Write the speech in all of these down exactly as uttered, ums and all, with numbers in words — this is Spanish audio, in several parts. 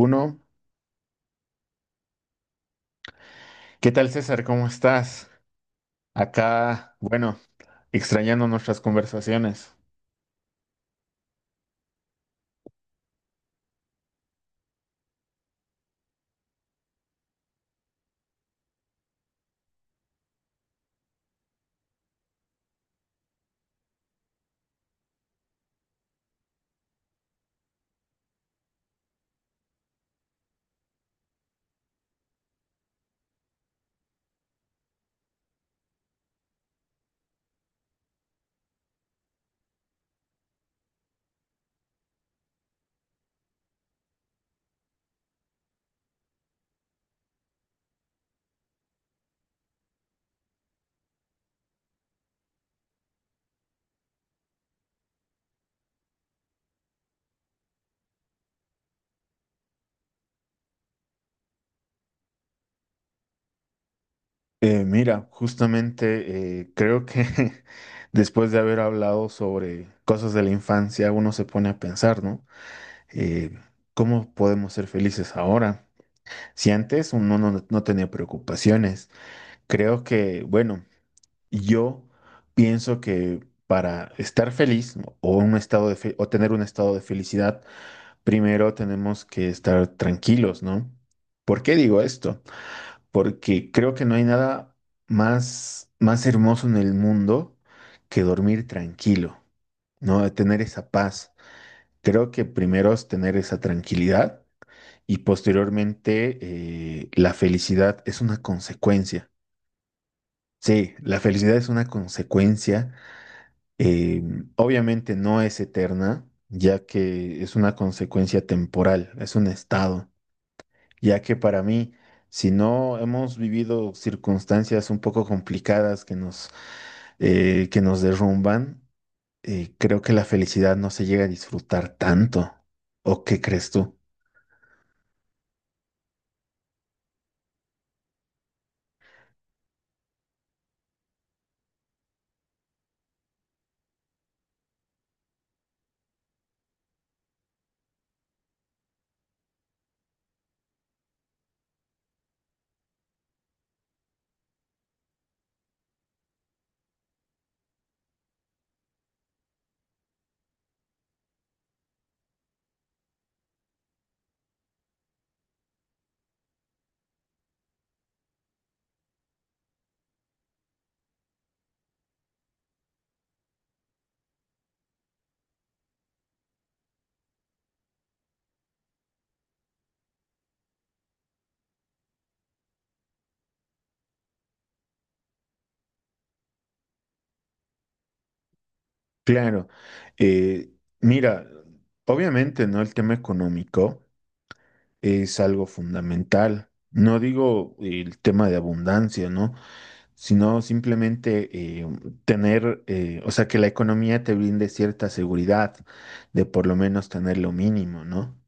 Uno. ¿Qué tal, César? ¿Cómo estás? Acá, bueno, extrañando nuestras conversaciones. Eh, mira, justamente eh, creo que después de haber hablado sobre cosas de la infancia, uno se pone a pensar, ¿no? Eh, ¿Cómo podemos ser felices ahora? Si antes uno no, no tenía preocupaciones, creo que, bueno, yo pienso que para estar feliz, ¿no? O un estado de fe- o tener un estado de felicidad, primero tenemos que estar tranquilos, ¿no? ¿Por qué digo esto? Porque creo que no hay nada más, más hermoso en el mundo que dormir tranquilo, ¿no? De tener esa paz. Creo que primero es tener esa tranquilidad y posteriormente eh, la felicidad es una consecuencia. Sí, la felicidad es una consecuencia. eh, Obviamente no es eterna, ya que es una consecuencia temporal, es un estado. Ya que para mí, si no hemos vivido circunstancias un poco complicadas que nos, eh, que nos derrumban, eh, creo que la felicidad no se llega a disfrutar tanto. ¿O qué crees tú? Claro, eh, mira, obviamente, ¿no? El tema económico es algo fundamental. No digo el tema de abundancia, ¿no? Sino simplemente eh, tener, eh, o sea, que la economía te brinde cierta seguridad de por lo menos tener lo mínimo, ¿no?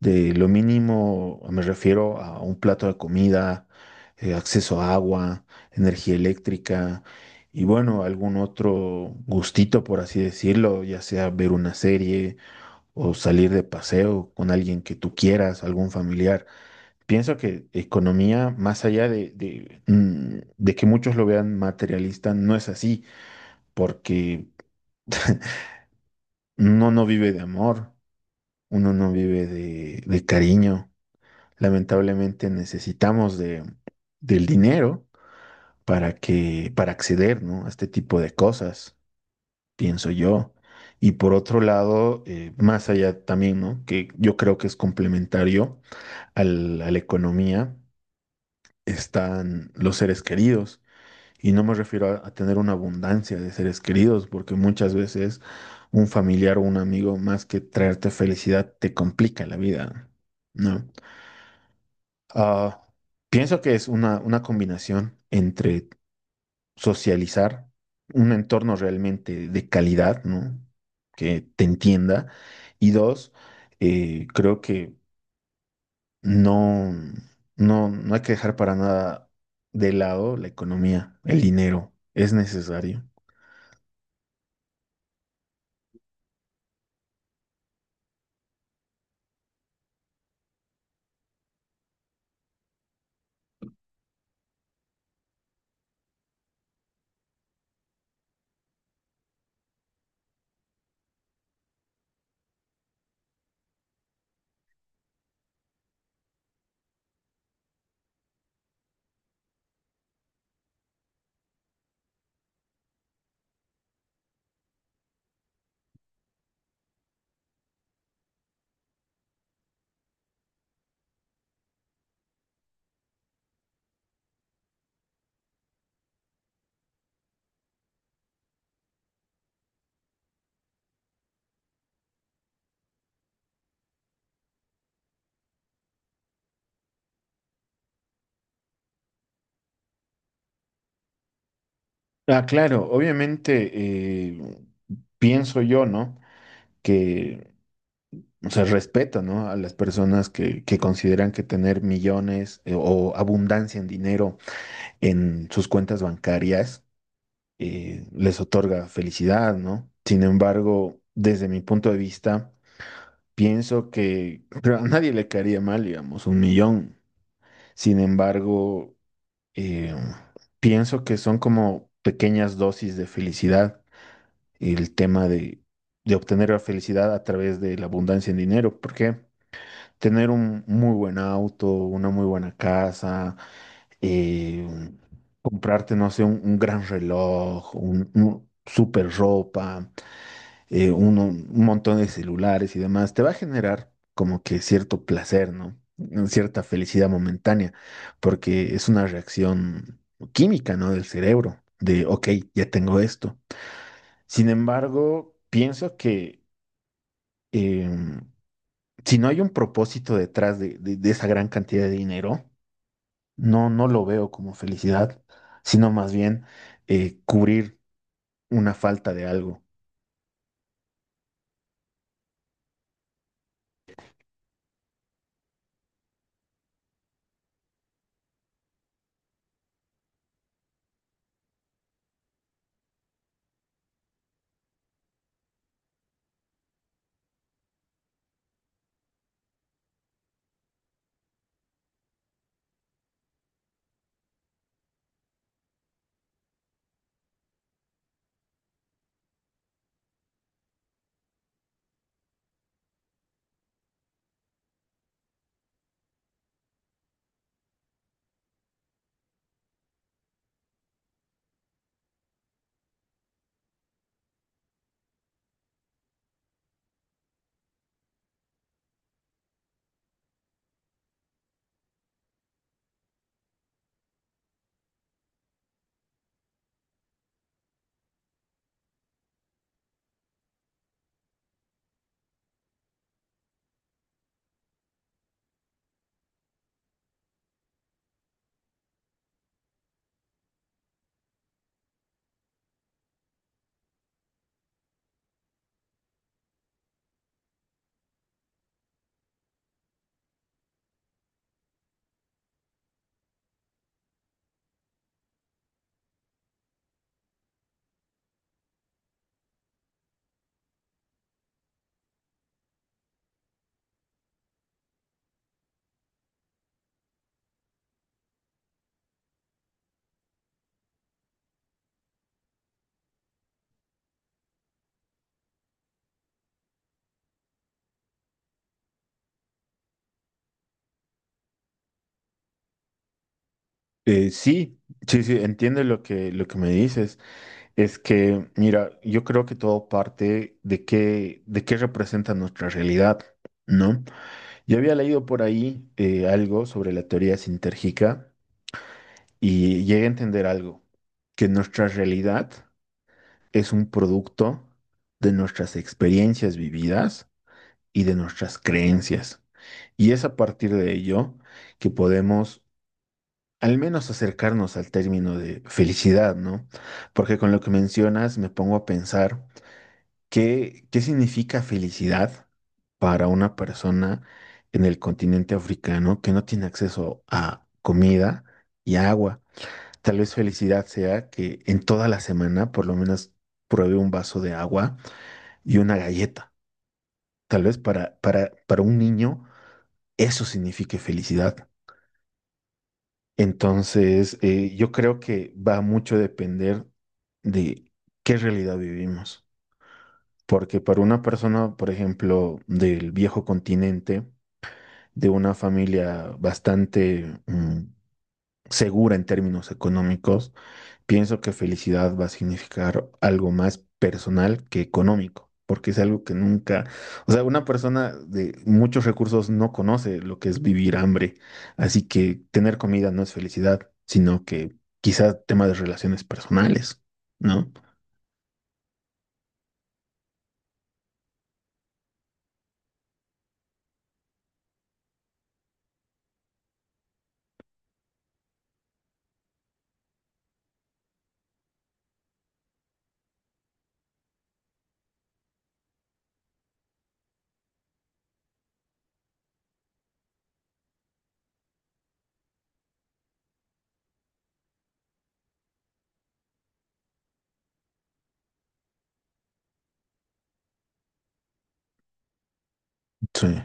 De lo mínimo me refiero a un plato de comida, eh, acceso a agua, energía eléctrica y bueno, algún otro gustito, por así decirlo, ya sea ver una serie o salir de paseo con alguien que tú quieras, algún familiar. Pienso que economía, más allá de, de, mm, de que muchos lo vean materialista, no es así, porque uno no vive de amor, uno no vive de, de cariño. Lamentablemente necesitamos de, del dinero para que, para acceder, ¿no? A este tipo de cosas, pienso yo. Y por otro lado, eh, más allá también, ¿no? Que yo creo que es complementario al- a la economía, están los seres queridos. Y no me refiero a, a tener una abundancia de seres queridos, porque muchas veces un familiar o un amigo, más que traerte felicidad, te complica la vida, ¿no? Ah, Pienso que es una, una combinación entre socializar, un entorno realmente de calidad, ¿no? Que te entienda. Y dos, eh, creo que no, no, no hay que dejar para nada de lado la economía, el dinero, es necesario. Ah, claro, obviamente eh, pienso yo, ¿no? Que, o sea, respeto, ¿no? A las personas que, que consideran que tener millones eh, o abundancia en dinero en sus cuentas bancarias eh, les otorga felicidad, ¿no? Sin embargo, desde mi punto de vista, pienso que pero a nadie le caería mal, digamos, un millón. Sin embargo, eh, pienso que son como pequeñas dosis de felicidad el tema de, de obtener la felicidad a través de la abundancia en dinero, porque tener un muy buen auto, una muy buena casa, eh, comprarte, no sé, un, un gran reloj, un, un super ropa, eh, uno- un montón de celulares y demás, te va a generar como que cierto placer, ¿no? Una cierta felicidad momentánea, porque es una reacción química, ¿no? Del cerebro, de, ok, ya tengo esto. Sin embargo, pienso que em, si no hay un propósito detrás de, de- de esa gran cantidad de dinero, no, no lo veo como felicidad, sino más bien eh, cubrir una falta de algo. Eh, sí, sí, sí, entiendo lo que, lo que me dices. Es que, mira, yo creo que todo parte de qué, de qué representa nuestra realidad, ¿no? Yo había leído por ahí eh, algo sobre la teoría sintérgica y llegue a entender algo, que nuestra realidad es un producto de nuestras experiencias vividas y de nuestras creencias. Y es a partir de ello que podemos al menos acercarnos al término de felicidad, ¿no? Porque con lo que mencionas me pongo a pensar qué, qué significa felicidad para una persona en el continente africano que no tiene acceso a comida y agua. Tal vez felicidad sea que en toda la semana por lo menos pruebe un vaso de agua y una galleta. Tal vez para, para, para un niño eso signifique felicidad. Entonces, eh, yo creo que va mucho a depender de qué realidad vivimos. Porque para una persona, por ejemplo, del viejo continente, de una familia bastante mm, segura en términos económicos, pienso que felicidad va a significar algo más personal que económico, porque es algo que nunca, o sea, una persona de muchos recursos no conoce lo que es vivir hambre, así que tener comida no es felicidad, sino que quizás tema de relaciones personales, ¿no? Sí.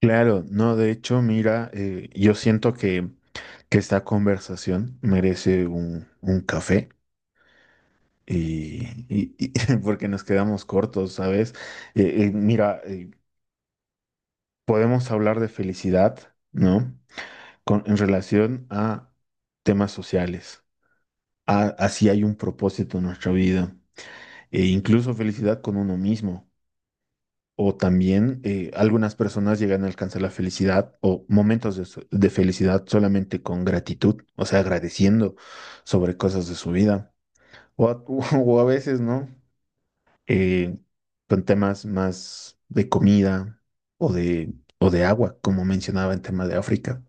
Claro, no, de hecho, mira, eh, yo siento que, que esta conversación merece un, un café. Y, y- y porque nos quedamos cortos, ¿sabes? Eh, eh, mira, eh, podemos hablar de felicidad, ¿no? Con, en relación a temas sociales, a, a si hay un propósito en nuestra vida, e incluso felicidad con uno mismo. O también eh, algunas personas llegan a alcanzar la felicidad o momentos de, so- de felicidad solamente con gratitud, o sea, agradeciendo sobre cosas de su vida. O a, o a veces, ¿no? Eh, con temas más de comida o de, o de agua, como mencionaba en tema de África.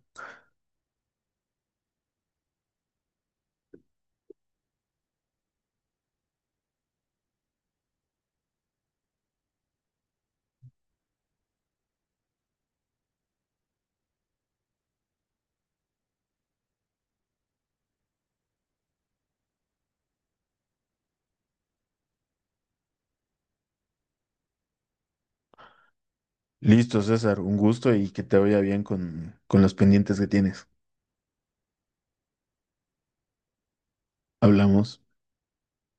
Listo, César, un gusto y que te vaya bien con, con los pendientes que tienes. Hablamos.